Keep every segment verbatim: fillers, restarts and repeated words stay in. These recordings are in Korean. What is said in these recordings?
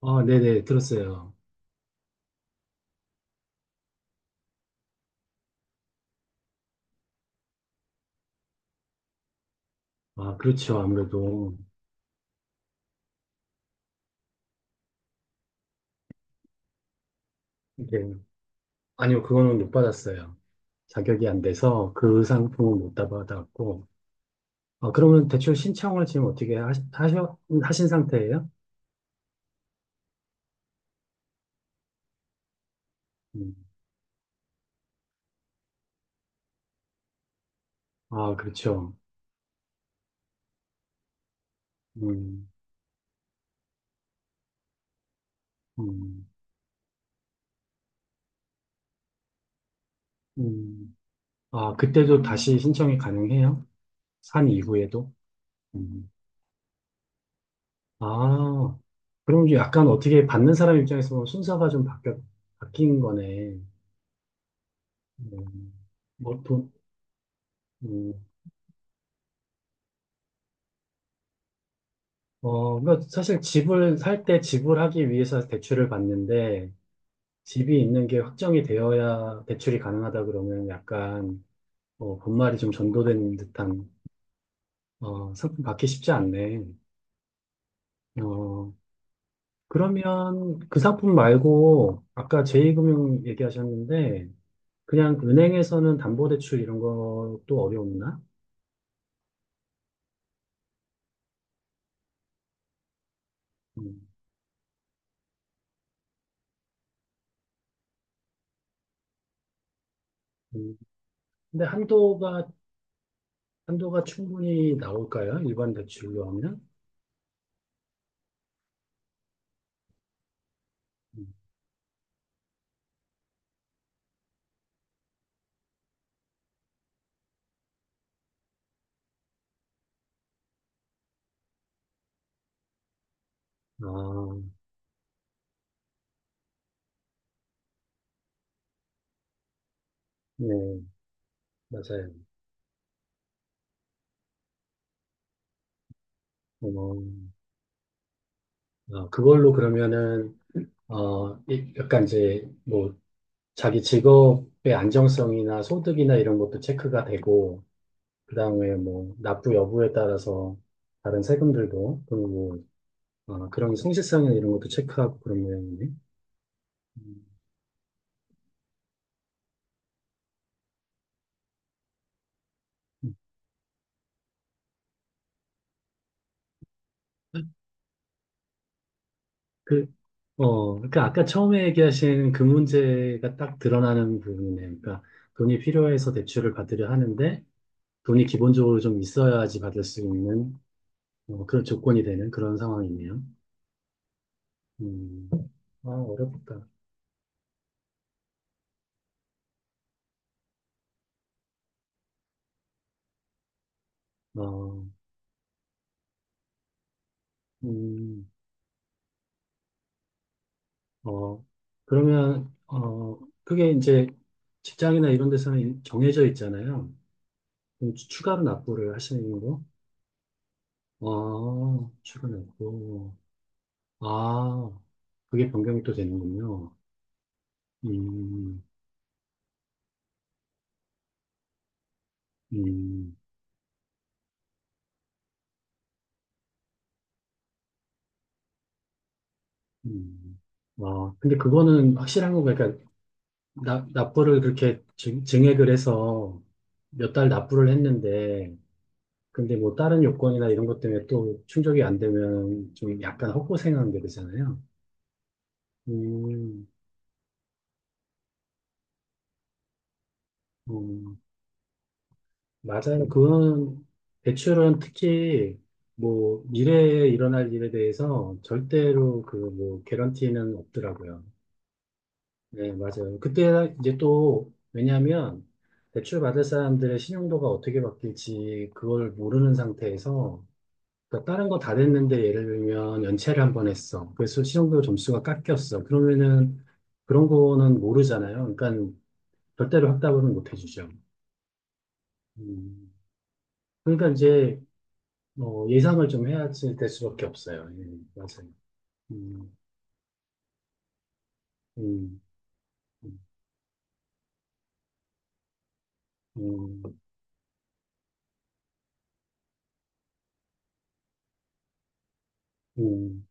아, 네네, 들었어요. 아, 그렇죠. 아무래도. 이게, 아니요, 그거는 못 받았어요. 자격이 안 돼서 그 상품은 못 받았고. 아, 그러면 대출 신청을 지금 어떻게 하시, 하셔, 하신 상태예요? 음. 아, 그렇죠. 음, 음, 음. 아, 그때도 다시 신청이 가능해요? 산 이후에도? 음. 아, 그럼 이제 약간 어떻게 받는 사람 입장에서 보면 순서가 좀 바뀌, 바뀐 거네. 음, 뭐, 돈, 음. 어, 그러니까 사실 집을 살 때 지불하기 위해서 대출을 받는데 집이 있는 게 확정이 되어야 대출이 가능하다 그러면 약간 어, 본말이 좀 전도된 듯한 어, 상품 받기 쉽지 않네. 어, 그러면 그 상품 말고 아까 제이 금융 얘기하셨는데 그냥 은행에서는 담보대출 이런 것도 어려웠나? 음, 음. 근데 한도가 한도가 충분히 나올까요? 일반 대출로 하면? 음. 아, 네. 맞아요. 어, 어, 그걸로 그러면은, 어, 이- 약간 이제, 뭐, 자기 직업의 안정성이나 소득이나 이런 것도 체크가 되고, 그 다음에 뭐, 납부 여부에 따라서 다른 세금들도, 그리고, 어, 그런 성실성이나 이런 것도 체크하고 그런 모양이네. 음. 그, 어, 그러니까 아까 처음에 얘기하신 그 문제가 딱 드러나는 부분이네요. 그러니까 돈이 필요해서 대출을 받으려 하는데 돈이 기본적으로 좀 있어야지 받을 수 있는 어, 그런 조건이 되는 그런 상황이네요. 음, 아, 어렵다. 어, 음, 어, 그러면, 어, 그게 이제 직장이나 이런 데서는 정해져 있잖아요. 그럼 추- 추가로 납부를 하시는 거? 아, 추가 납부. 아, 그게 변경이 또 되는군요. 음, 음, 음. 아, 근데 그거는 확실한 거, 그러니까 나, 납부를 그렇게 증액을 해서 몇 달 납부를 했는데, 근데 뭐 다른 요건이나 이런 것 때문에 또 충족이 안 되면 좀 약간 헛고생하는 게 되잖아요. 음, 음, 맞아요. 그건 대출은 특히 뭐 미래에 일어날 일에 대해서 절대로 그 뭐 개런티는 없더라고요. 네, 맞아요. 그때 이제 또 왜냐하면 대출 받을 사람들의 신용도가 어떻게 바뀔지 그걸 모르는 상태에서 그러니까 다른 거 다 됐는데 예를 들면 연체를 한 번 했어. 그래서 시험도 점수가 깎였어. 그러면은 그런 거는 모르잖아요. 그러니까 절대로 확답은 못 해주죠. 음. 그러니까 이제 어, 예상을 좀 해야지 될 수밖에 없어요. 예, 맞아요. 음, 음, 음, 음, 음,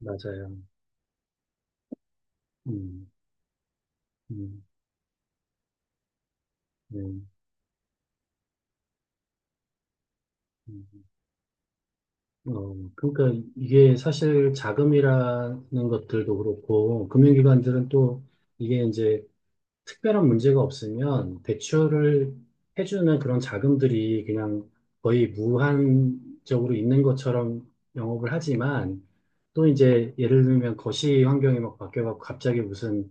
맞아요. 음, 음, 네. 음. 어, 그러니까 이게 사실 자금이라는 것들도 그렇고 금융기관들은 또 이게 이제 특별한 문제가 없으면 대출을 해주는 그런 자금들이 그냥 거의 무한적으로 있는 것처럼 영업을 하지만 또 이제 예를 들면 거시 환경이 막 바뀌어갖고 갑자기 무슨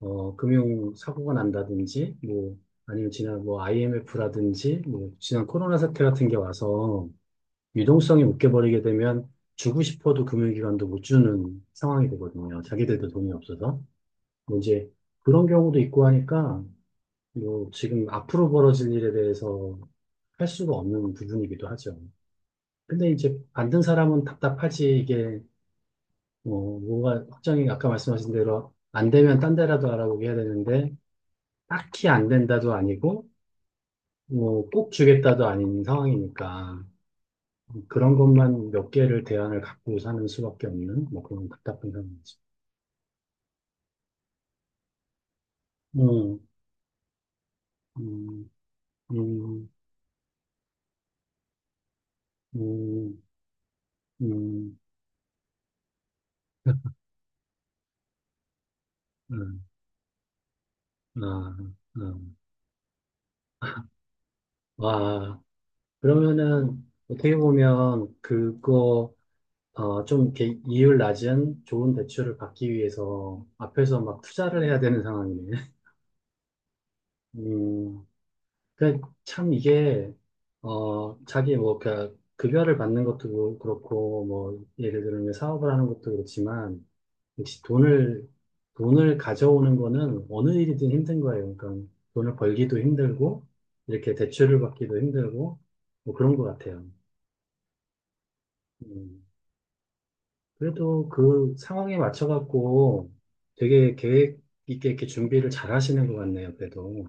어, 금융 사고가 난다든지 뭐 아니면 지난 뭐 아이엠에프라든지 뭐 지난 코로나 사태 같은 게 와서 유동성이 묶여버리게 되면 주고 싶어도 금융기관도 못 주는 상황이 되거든요. 자기들도 돈이 없어서. 뭐 이제 그런 경우도 있고 하니까 뭐 지금 앞으로 벌어질 일에 대해서 할 수가 없는 부분이기도 하죠. 근데 이제 만든 사람은 답답하지 이게 뭐 뭐가 확정이 아까 말씀하신 대로 안 되면 딴 데라도 알아보게 해야 되는데 딱히 안 된다도 아니고 뭐 꼭 주겠다도 아닌 상황이니까 그런 것만 몇 개를 대안을 갖고 사는 수밖에 없는 뭐 그런 답답한 상황이죠. 음, 음, 음, 음, 음, 음, 아, 아. 와. 그러면은 어떻게 보면 그거 어, 좀 이렇게 이율 낮은 좋은 대출을 받기 위해서 앞에서 막 투자를 해야 되는 상황이네. 음, 그러니까 참 이게 어 자기 뭐 그러니까 급여를 받는 것도 뭐 그렇고 뭐 예를 들면 사업을 하는 것도 그렇지만 역시 돈을 돈을 가져오는 거는 어느 일이든 힘든 거예요. 그러니까 돈을 벌기도 힘들고 이렇게 대출을 받기도 힘들고 뭐 그런 것 같아요. 음. 그래도 그 상황에 맞춰갖고 되게 계획 있게 이렇게 준비를 잘 하시는 것 같네요, 그래도.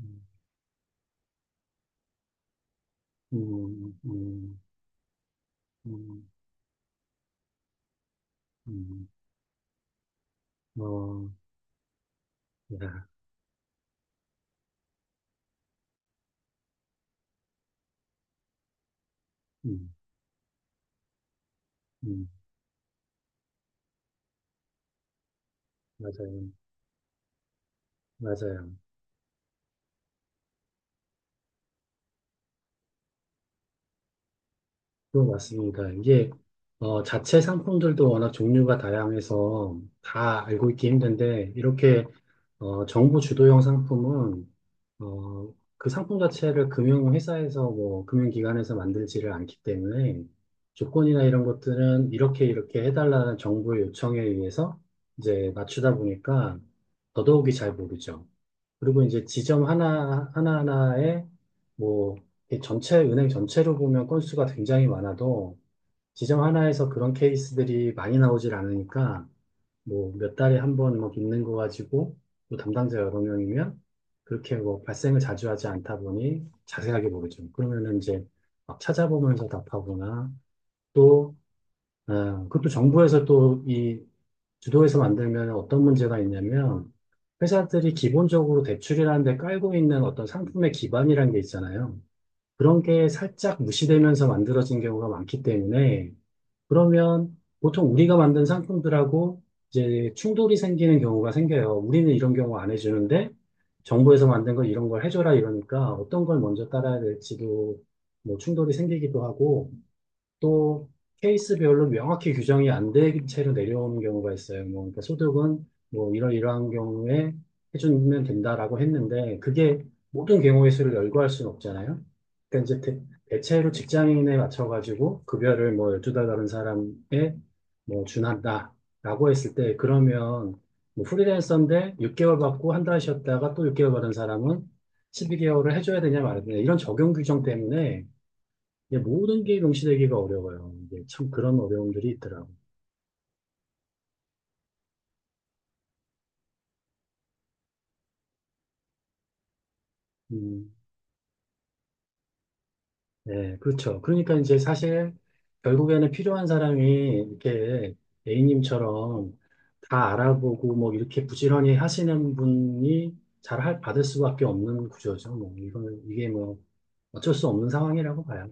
음, 음, 음, 음, 음. 어, 야, 음, 음, 맞아요. 맞아요. 그거 맞습니다. 이게, 어, 자체 상품들도 워낙 종류가 다양해서 다 알고 있기 힘든데, 이렇게 어, 정부 주도형 상품은 어, 그 상품 자체를 금융회사에서 뭐 금융기관에서 만들지를 않기 때문에 조건이나 이런 것들은 이렇게 이렇게 해달라는 정부의 요청에 의해서 이제 맞추다 보니까 더더욱이 잘 모르죠. 그리고 이제 지점 하나 하나하나에 뭐 이렇게 전체 은행 전체로 보면 건수가 굉장히 많아도 지점 하나에서 그런 케이스들이 많이 나오질 않으니까 뭐 몇 달에 한 번 뭐 있는 거 가지고 또 담당자가 여러 명이면 그렇게 뭐 발생을 자주 하지 않다 보니 자세하게 모르죠. 그러면은 이제 막 찾아보면서 답하거나 또 어, 그것도 정부에서 또 이 주도해서 만들면 어떤 문제가 있냐면 회사들이 기본적으로 대출이라는 데 깔고 있는 어떤 상품의 기반이라는 게 있잖아요. 그런 게 살짝 무시되면서 만들어진 경우가 많기 때문에 그러면 보통 우리가 만든 상품들하고 이제 충돌이 생기는 경우가 생겨요. 우리는 이런 경우 안 해주는데 정부에서 만든 걸 이런 걸 해줘라 이러니까 어떤 걸 먼저 따라야 될지도 뭐 충돌이 생기기도 하고 또 케이스별로 명확히 규정이 안 된 채로 내려오는 경우가 있어요. 뭐, 그러니까 소득은 뭐 이런 이러한 경우에 해주면 된다라고 했는데 그게 모든 경우의 수를 열거할 수는 없잖아요. 그러니까 이제 대, 대체로 직장인에 맞춰가지고 급여를 뭐 열두 달 다른 사람에 뭐 준한다라고 했을 때 그러면 뭐 프리랜서인데 육 개월 받고 한 달 쉬었다가 또 육 개월 받은 사람은 십이 개월을 해줘야 되냐 말아야 되냐 이런 적용 규정 때문에 이게 모든 게 동시되기가 어려워요. 이게 참 그런 어려움들이 있더라고요. 음, 네, 그렇죠. 그러니까 이제 사실 결국에는 필요한 사람이 이렇게 A님처럼 다 알아보고 뭐 이렇게 부지런히 하시는 분이 잘 할- 받을 수밖에 없는 구조죠. 뭐 이건 이게 뭐 어쩔 수 없는 상황이라고 봐요.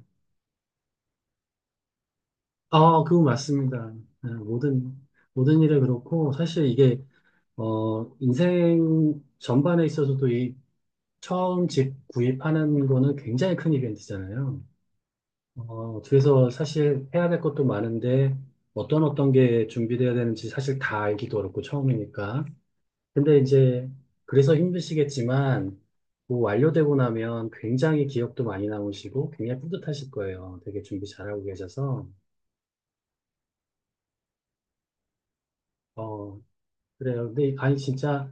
아, 그거 맞습니다. 네, 모든 모든 일에 그렇고 사실 이게 어 인생 전반에 있어서도 이 처음 집 구입하는 거는 굉장히 큰 이벤트잖아요. 어, 그래서 사실 해야 될 것도 많은데 어떤 어떤 게 준비돼야 되는지 사실 다 알기도 어렵고 처음이니까. 근데 이제 그래서 힘드시겠지만 뭐 완료되고 나면 굉장히 기억도 많이 남으시고 굉장히 뿌듯하실 거예요. 되게 준비 잘하고 계셔서. 어, 그래요. 근데 이 간이 진짜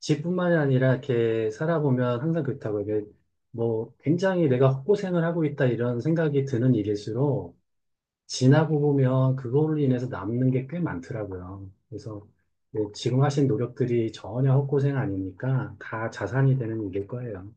집뿐만이 아니라 이렇게 살아보면 항상 그렇다고 이게 뭐 굉장히 내가 헛고생을 하고 있다 이런 생각이 드는 일일수록 지나고 보면 그걸로 인해서 남는 게 꽤 많더라고요. 그래서 뭐 지금 하신 노력들이 전혀 헛고생 아니니까 다 자산이 되는 일일 거예요.